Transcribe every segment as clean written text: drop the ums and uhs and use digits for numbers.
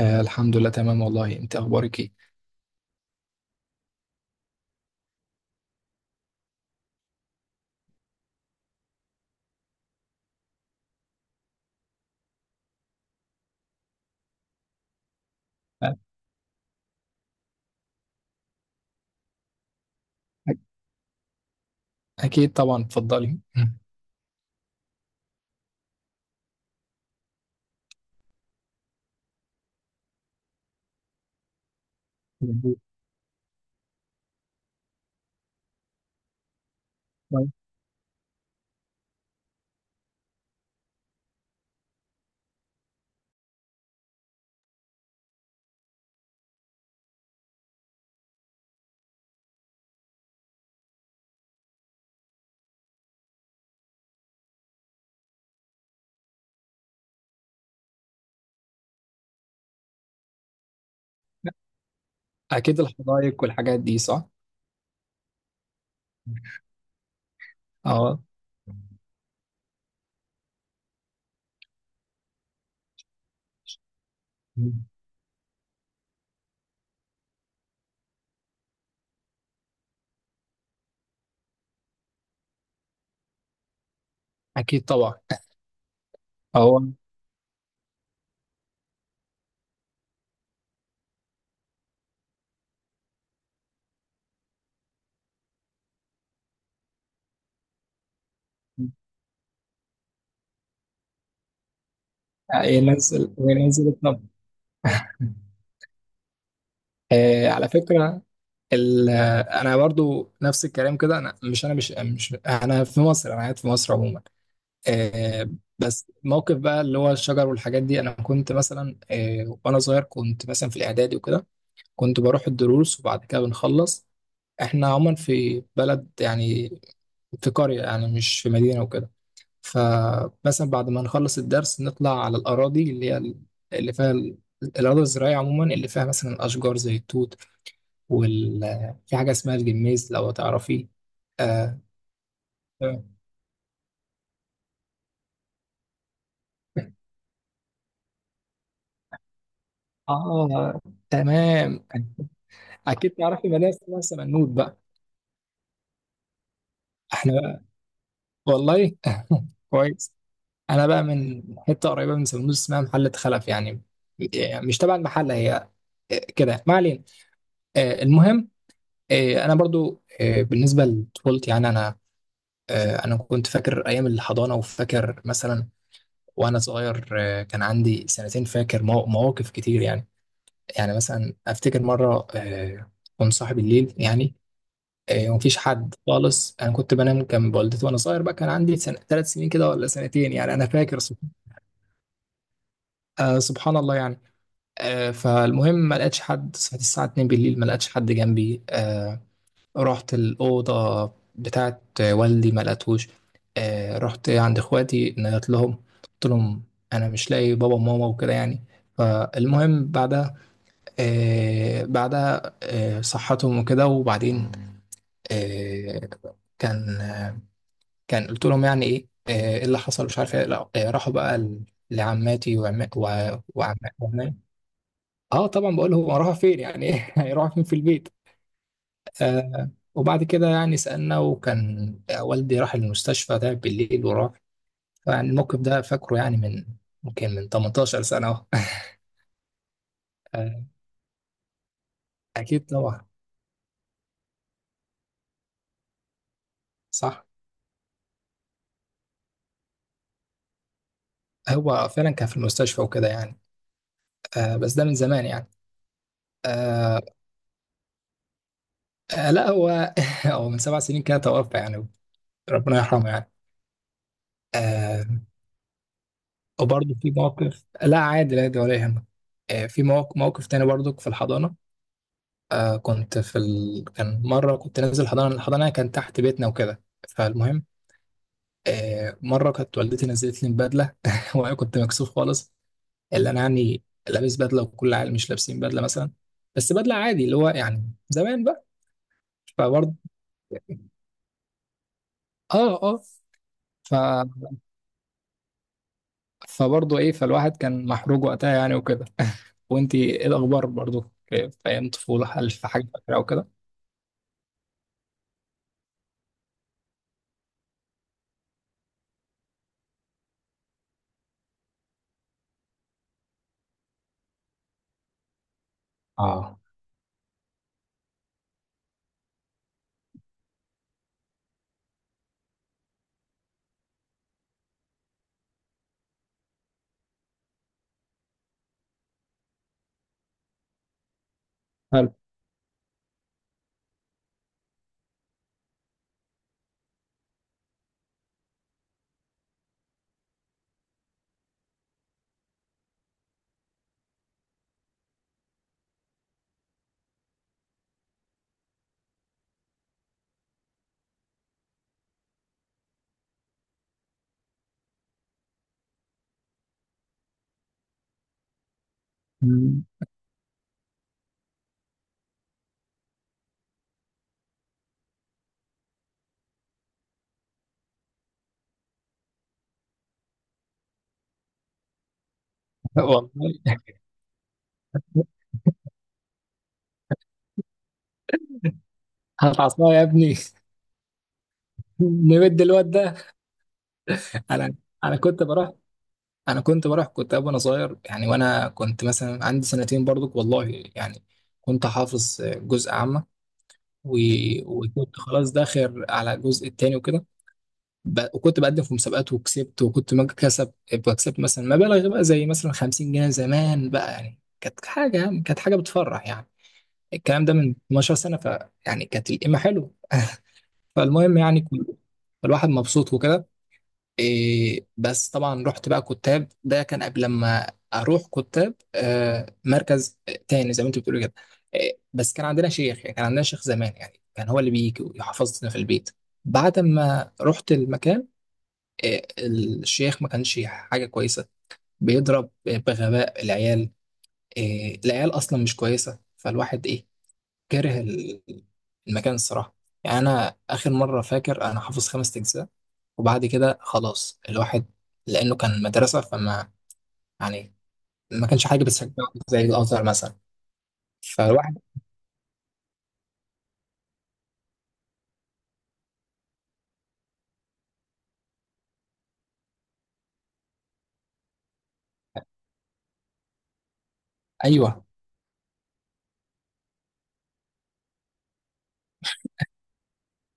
الحمد لله تمام، والله انت اخبارك ايه؟ أ- اكيد طبعا، اتفضلي. مم. اكيد، الحدائق والحاجات دي صح. اه. مم. اكيد طبعا. هو ينزل، ينزل الطب. آه على فكره. انا برضو نفس الكلام كده. انا مش انا في مصر، انا قاعد في مصر عموما. آه بس موقف بقى اللي هو الشجر والحاجات دي، انا كنت مثلا وانا صغير كنت مثلا في الاعدادي وكده، كنت بروح الدروس وبعد كده بنخلص. احنا عموما في بلد يعني، في قرية يعني مش في مدينة وكده. فمثلا بعد ما نخلص الدرس نطلع على الأراضي، اللي هي اللي الأراضي الزراعية عموما، اللي فيها مثلا أشجار زي التوت وال في حاجة اسمها الجميز لو تعرفيه. آه. آه، تمام. أكيد تعرفي مدينة اسمها سمنود بقى. احنا بقى، والله كويس. انا بقى من حته قريبه من سموز اسمها محله خلف يعني، يعني مش تبع المحله هي كده. ما علينا. المهم، انا برضو بالنسبه لطفولتي يعني انا، انا كنت فاكر ايام الحضانه وفاكر مثلا وانا صغير. كان عندي سنتين، فاكر مواقف كتير يعني. يعني مثلا افتكر مره، كنت صاحي بالليل يعني. ومفيش حد خالص. انا كنت بنام جنب والدتي وانا صغير بقى، كان عندي سنة، ثلاث سنين كده ولا سنتين، يعني انا فاكر. سبحان الله يعني. فالمهم، ما لقيتش حد، صحيت الساعة 2 بالليل ما لقيتش حد جنبي. رحت الأوضة بتاعت والدي ما لقيتهوش. رحت عند إخواتي، نادت لهم، قلت لهم أنا مش لاقي بابا وماما وكده يعني. فالمهم بعدها، صحتهم وكده. وبعدين، آه، كان آه، كان قلت لهم يعني ايه، إيه اللي حصل، مش عارف ايه. لا، راحوا بقى لعماتي، وعماتي. اه طبعا، بقول هو هروح فين يعني؟ ايه، هيروح فين في البيت؟ آه. وبعد كده يعني سألنا، وكان والدي راح المستشفى، تعب بالليل وراح. يعني الموقف ده فاكره يعني، من ممكن من 18 سنة اهو. آه. اكيد طبعا. صح. هو فعلا كان في المستشفى وكده يعني. آه، بس ده من زمان يعني. آه. آه، لا هو هو من سبع سنين كده توفى يعني، ربنا يرحمه يعني. آه. وبرضه في موقف، لا عادي لا عادي، ولا يهمك. آه، في موقف، موقف تاني برضك في الحضانة. آه، كان مرة كنت نازل حضانة، الحضانة كان تحت بيتنا وكده. فالمهم، آه، مرة كانت والدتي نزلت لي بدلة وأنا كنت مكسوف خالص. اللي أنا يعني لابس بدلة، وكل العيال مش لابسين بدلة مثلا، بس بدلة عادي اللي هو يعني زمان بقى. فبرضه، اه اه. ف... فبرضه ايه، فالواحد كان محروق وقتها يعني وكده. وانتي ايه الأخبار؟ برضه في في أيام طفولة، هل في حاجة فاكرة وكده؟ اه. حلو. مم. والله. هات عصاية يا ابني نمد الواد ده. انا انا كنت بروح انا كنت بروح، كنت وانا صغير يعني، وانا كنت مثلا عندي سنتين برضك والله يعني. كنت حافظ جزء عامة و... وكنت خلاص داخل على الجزء التاني وكده. وكنت بقدم في مسابقات وكسبت، وكنت ما كسب بكسب مثلا مبالغ بقى، زي مثلا 50 جنيه. زمان بقى يعني كانت حاجة، يعني كانت حاجة بتفرح يعني. الكلام ده من 12 سنة، ف يعني كانت القيمة حلوة. فالمهم يعني، الواحد مبسوط وكده. إيه، بس طبعا رحت بقى كتاب، ده كان قبل ما اروح كتاب، آه، مركز تاني زي ما انت بتقولي كده. إيه، بس كان عندنا شيخ يعني، كان عندنا شيخ زمان يعني، كان هو اللي بيجي ويحفظنا في البيت. بعد ما رحت المكان، إيه، الشيخ ما كانش حاجة كويسة، بيضرب بغباء العيال. إيه، العيال اصلا مش كويسة، فالواحد إيه، كاره المكان الصراحة. يعني أنا آخر مرة فاكر أنا حافظ خمس أجزاء، وبعد كده خلاص الواحد. لأنه كان مدرسة، فما يعني ما كانش حاجة بتشجعه زي الأزهر مثلا. فالواحد، أيوه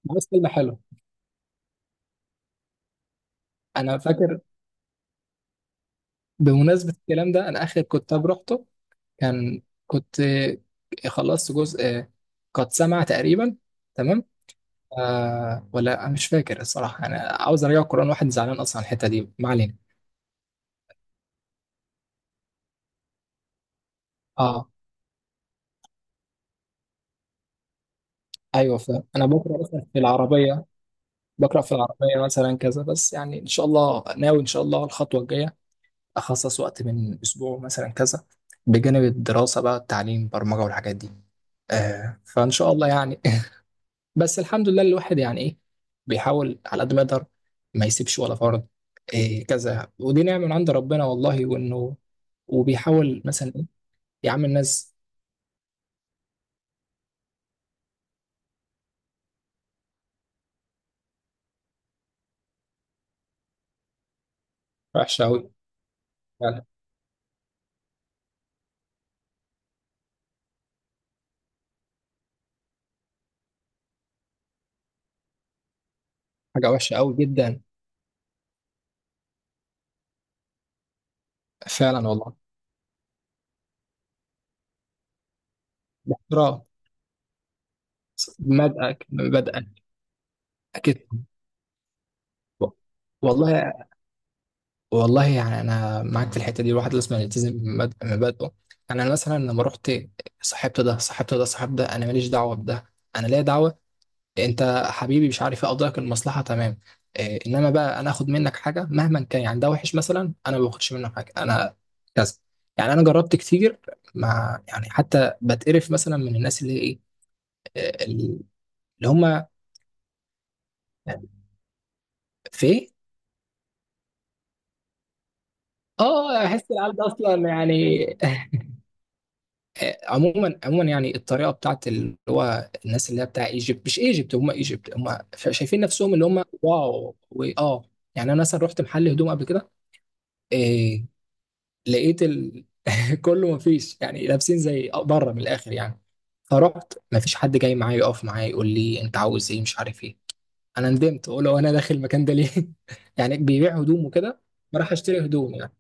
بس كلمة حلو. أنا فاكر، بمناسبة الكلام ده، أنا آخر كتاب رحته، كان كنت خلصت جزء قد سمع تقريبا. تمام. آه، ولا أنا مش فاكر الصراحة، أنا عاوز أرجع القرآن. واحد زعلان أصلا على الحتة دي. ما علينا. اه. ايوه فاهم، انا بقرا مثلا في العربيه، بقرا في العربيه مثلا كذا بس. يعني ان شاء الله ناوي ان شاء الله الخطوه الجايه اخصص وقت من اسبوع مثلا كذا بجانب الدراسه بقى، التعليم برمجه والحاجات دي. آه، فان شاء الله يعني. بس الحمد لله الواحد يعني ايه، بيحاول على قد ما يقدر ما يسيبش ولا فرد. إيه كذا، ودي نعمه من عند ربنا والله. وانه وبيحاول مثلا ايه. يا عم الناس وحشه قوي. فعلا. حاجه وحشه قوي جدا. فعلا والله. باحترام. بدأك. أكيد. والله. والله يعني أنا معاك في الحتة دي، الواحد لازم يلتزم بمبادئه. يعني أنا مثلا لما رحت، صاحبت ده صاحب ده، أنا ماليش دعوة بده، أنا ليا دعوة. أنت حبيبي مش عارف إيه، أقدرك، المصلحة تمام. إيه، إنما بقى أنا آخد منك حاجة مهما كان يعني، ده وحش مثلا، أنا ما باخدش منه حاجة، أنا كذا. يعني أنا جربت كتير، مع يعني حتى بتقرف مثلا من الناس اللي هي إيه، إيه، اللي هم في. اه، احس العيال ده اصلا يعني. عموما، عموما يعني الطريقه بتاعت اللي هو الناس اللي هي بتاع ايجيبت، مش ايجيبت، هم ايجيبت هم شايفين نفسهم اللي هم واو واه. يعني انا مثلا رحت محل هدوم قبل كده، إيه، لقيت ال... كله، ما فيش يعني، لابسين زي بره من الاخر يعني. فرحت، ما فيش حد جاي معايا يقف معايا يقول لي انت عاوز ايه مش عارف ايه. انا ندمت، اقول له انا داخل المكان ده ليه؟ يعني بيبيع هدوم وكده، فراح اشتري هدوم يعني.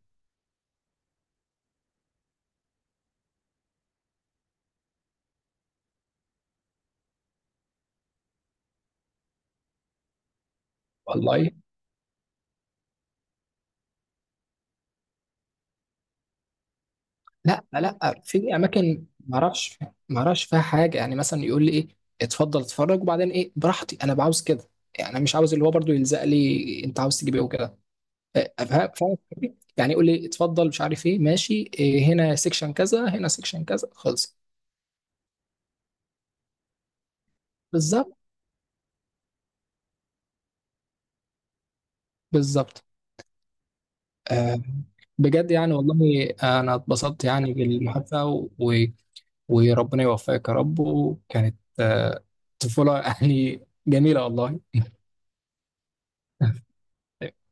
والله. لا لا، في اماكن ما اعرفش، ما اعرفش فيها حاجه، يعني مثلا يقول لي ايه، اتفضل اتفرج وبعدين ايه براحتي، انا بعاوز كده. يعني انا مش عاوز اللي هو برضو يلزق لي، انت عاوز تجيب ايه وكده. إيه، فاهم فاهم الفكرة؟ يعني يقول لي اتفضل، مش عارف ايه، ماشي، إيه، هنا سيكشن كذا هنا سيكشن كذا خلص. بالظبط. بالظبط. آه. بجد يعني، والله انا اتبسطت يعني بالمحادثه، و... وربنا يوفقك يا رب. وكانت آه طفوله يعني جميله والله.